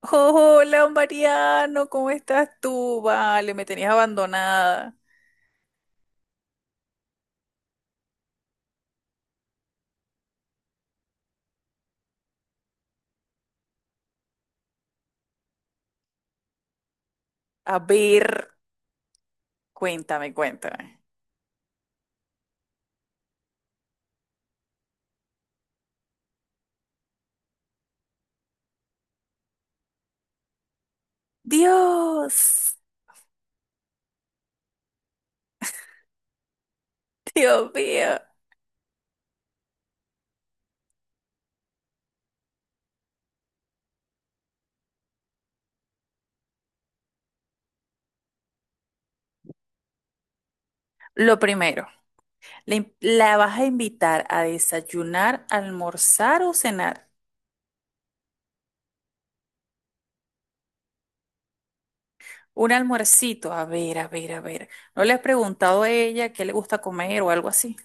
Hola, Mariano, ¿cómo estás tú? Vale, me tenías abandonada. A ver, cuéntame, cuéntame. Dios, Dios mío. Lo primero, ¿la vas a invitar a desayunar, almorzar o cenar? Un almuercito, a ver, a ver, a ver. ¿No le has preguntado a ella qué le gusta comer o algo así?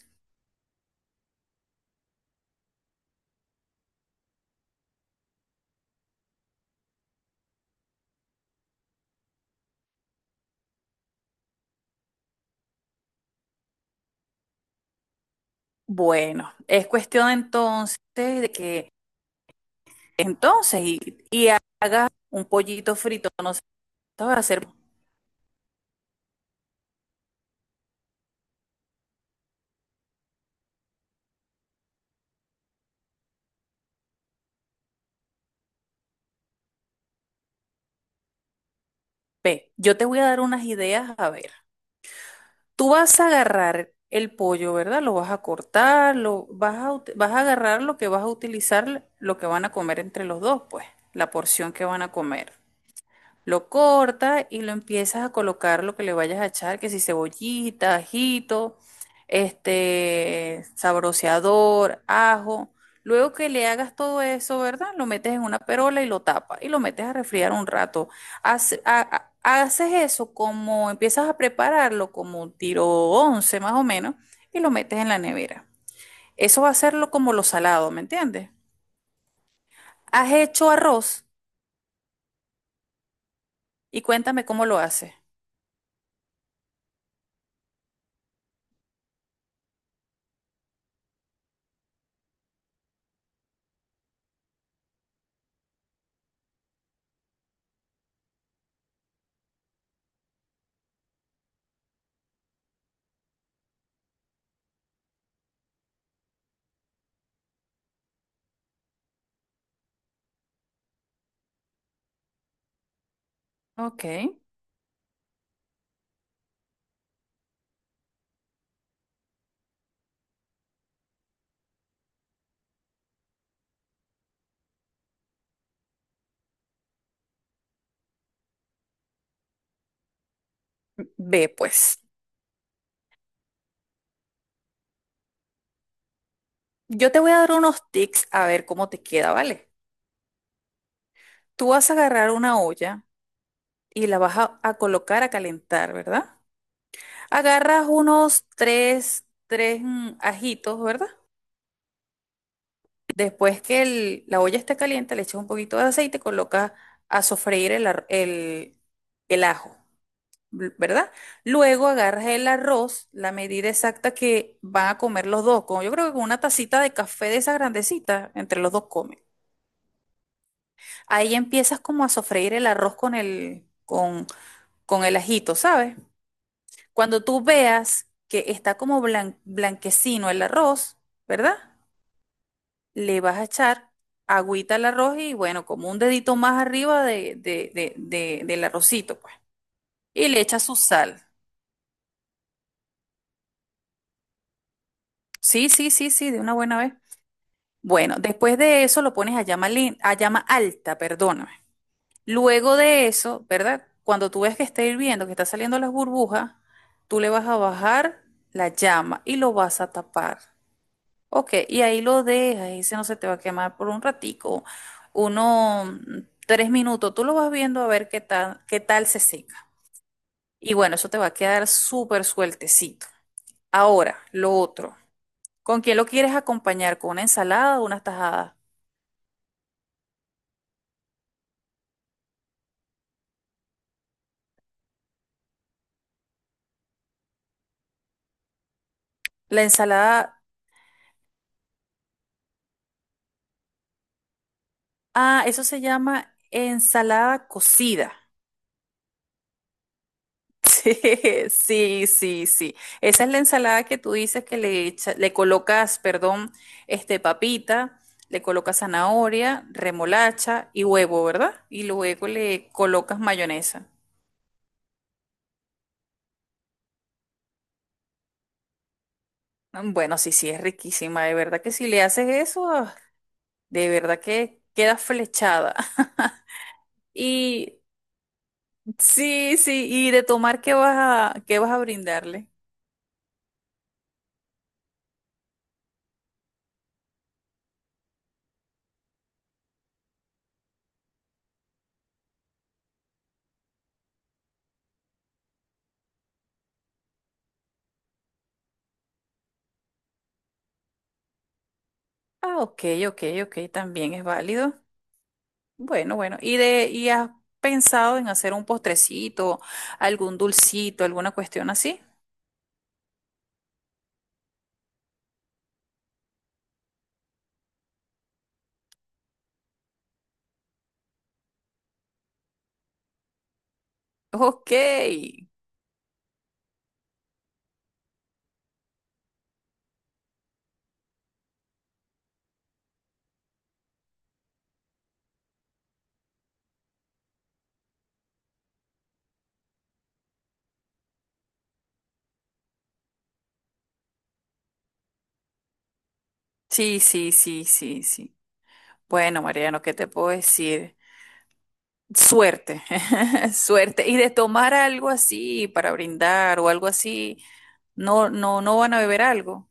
Bueno, es cuestión entonces de que entonces y, y haga un pollito frito, no sé, ¿sabes hacer? Ve, yo te voy a dar unas ideas, a ver. Tú vas a agarrar el pollo, ¿verdad? Lo vas a cortar, lo vas a, ut- vas a agarrar lo que vas a utilizar, lo que van a comer entre los dos, pues, la porción que van a comer. Lo cortas y lo empiezas a colocar lo que le vayas a echar, que si cebollita, ajito, sabroseador, ajo. Luego que le hagas todo eso, ¿verdad? Lo metes en una perola y lo tapas y lo metes a refriar un rato. Haces eso como empiezas a prepararlo como un tiro 11 más o menos y lo metes en la nevera. Eso va a hacerlo como lo salado, ¿me entiendes? Has hecho arroz y cuéntame cómo lo haces. Ok. Ve pues. Yo te voy a dar unos tips a ver cómo te queda, ¿vale? Tú vas a agarrar una olla y la vas a colocar a calentar, ¿verdad? Agarras unos tres, tres ajitos, ¿verdad? Después que la olla esté caliente, le echas un poquito de aceite y colocas a sofreír el ajo, ¿verdad? Luego agarras el arroz, la medida exacta que van a comer los dos, como yo creo que con una tacita de café de esa grandecita, entre los dos comen. Ahí empiezas como a sofreír el arroz con el ajito, ¿sabes? Cuando tú veas que está como blanquecino el arroz, ¿verdad? Le vas a echar agüita al arroz y bueno, como un dedito más arriba del arrocito, pues. Y le echas su sal. Sí, sí, sí, sí, de una buena vez. Bueno, después de eso lo pones a llama, a llama alta, perdón. Luego de eso, ¿verdad? Cuando tú ves que está hirviendo, que está saliendo las burbujas, tú le vas a bajar la llama y lo vas a tapar. Ok, y ahí lo dejas, y ese no se te va a quemar por un ratico, uno, 3 minutos, tú lo vas viendo a ver qué tal se seca. Y bueno, eso te va a quedar súper sueltecito. Ahora, lo otro, ¿con quién lo quieres acompañar? ¿Con una ensalada o una tajada? La ensalada, ah, eso se llama ensalada cocida. Sí, sí, sí, sí. Esa es la ensalada que tú dices que le le colocas, perdón, este papita, le colocas zanahoria, remolacha y huevo, ¿verdad? Y luego le colocas mayonesa. Bueno, sí, sí, es riquísima, de verdad que si le haces eso, ah, de verdad que queda flechada. Y sí, sí, y de tomar, ¿qué vas a brindarle? Ah, ok, ok, ok, también es válido. Bueno, bueno. ¿Y de, y has pensado en hacer un postrecito, algún dulcito, alguna cuestión así? Ok. Sí, sí, sí, sí, sí. Bueno, Mariano, ¿qué te puedo decir? Suerte, suerte. Y de tomar algo así para brindar o algo así, no, no, no van a beber algo.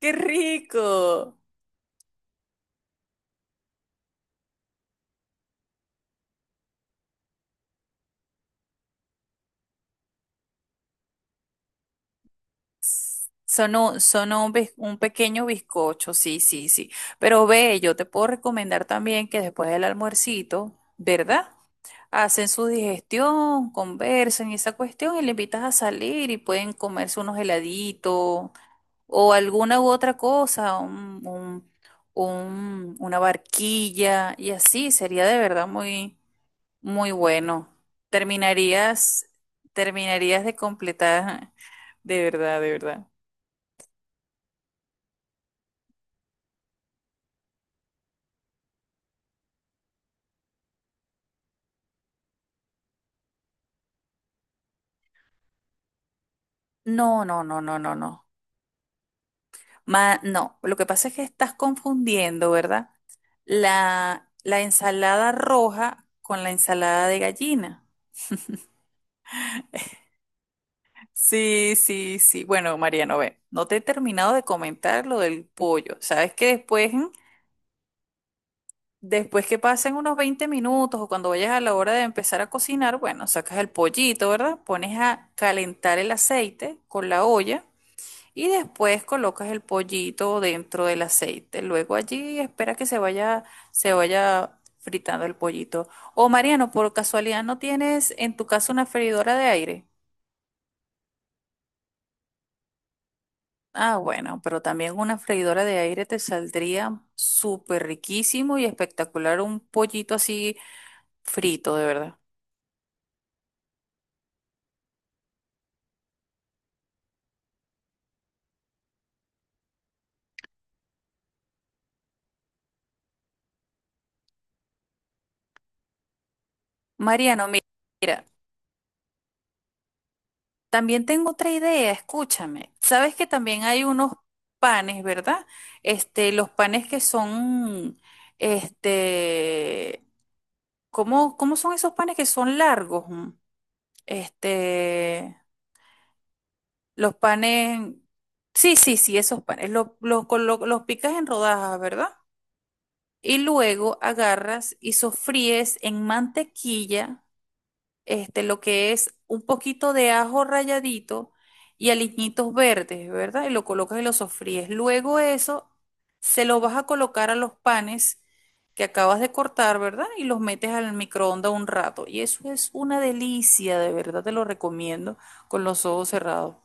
¡Qué rico! Son un pequeño bizcocho, sí, sí, sí. Pero ve, yo te puedo recomendar también que después del almuercito, ¿verdad? Hacen su digestión, conversan y esa cuestión y le invitas a salir y pueden comerse unos heladitos o alguna u otra cosa, una barquilla y así sería de verdad muy, muy bueno. Terminarías, terminarías de completar, de verdad, de verdad. No, no, no, no, no, no. No, lo que pasa es que estás confundiendo, ¿verdad? La ensalada roja con la ensalada de gallina. Sí, sí, sí. Bueno, Mariano, ve, no te he terminado de comentar lo del pollo. Sabes que después, después que pasen unos 20 minutos o cuando vayas a la hora de empezar a cocinar, bueno, sacas el pollito, ¿verdad? Pones a calentar el aceite con la olla y después colocas el pollito dentro del aceite. Luego allí espera que se vaya fritando el pollito. O Mariano, por casualidad, ¿no tienes en tu casa una freidora de aire? Ah, bueno, pero también una freidora de aire te saldría súper riquísimo y espectacular un pollito así frito, de verdad. Mariano, mira, también tengo otra idea, escúchame. Sabes que también hay unos panes, ¿verdad? Los panes que son, este, ¿cómo son esos panes que son largos? Este, los panes, sí, sí, sí, esos panes, los picas en rodajas, ¿verdad? Y luego agarras y sofríes en mantequilla, lo que es un poquito de ajo ralladito y aliñitos verdes, ¿verdad? Y lo colocas y lo sofríes. Luego eso se lo vas a colocar a los panes que acabas de cortar, ¿verdad? Y los metes al microondas un rato. Y eso es una delicia, de verdad te lo recomiendo con los ojos cerrados.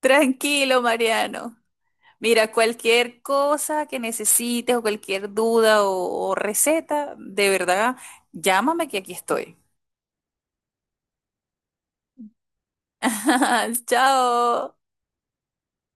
Tranquilo, Mariano. Mira, cualquier cosa que necesites o cualquier duda o receta, de verdad, llámame que aquí estoy. Chao.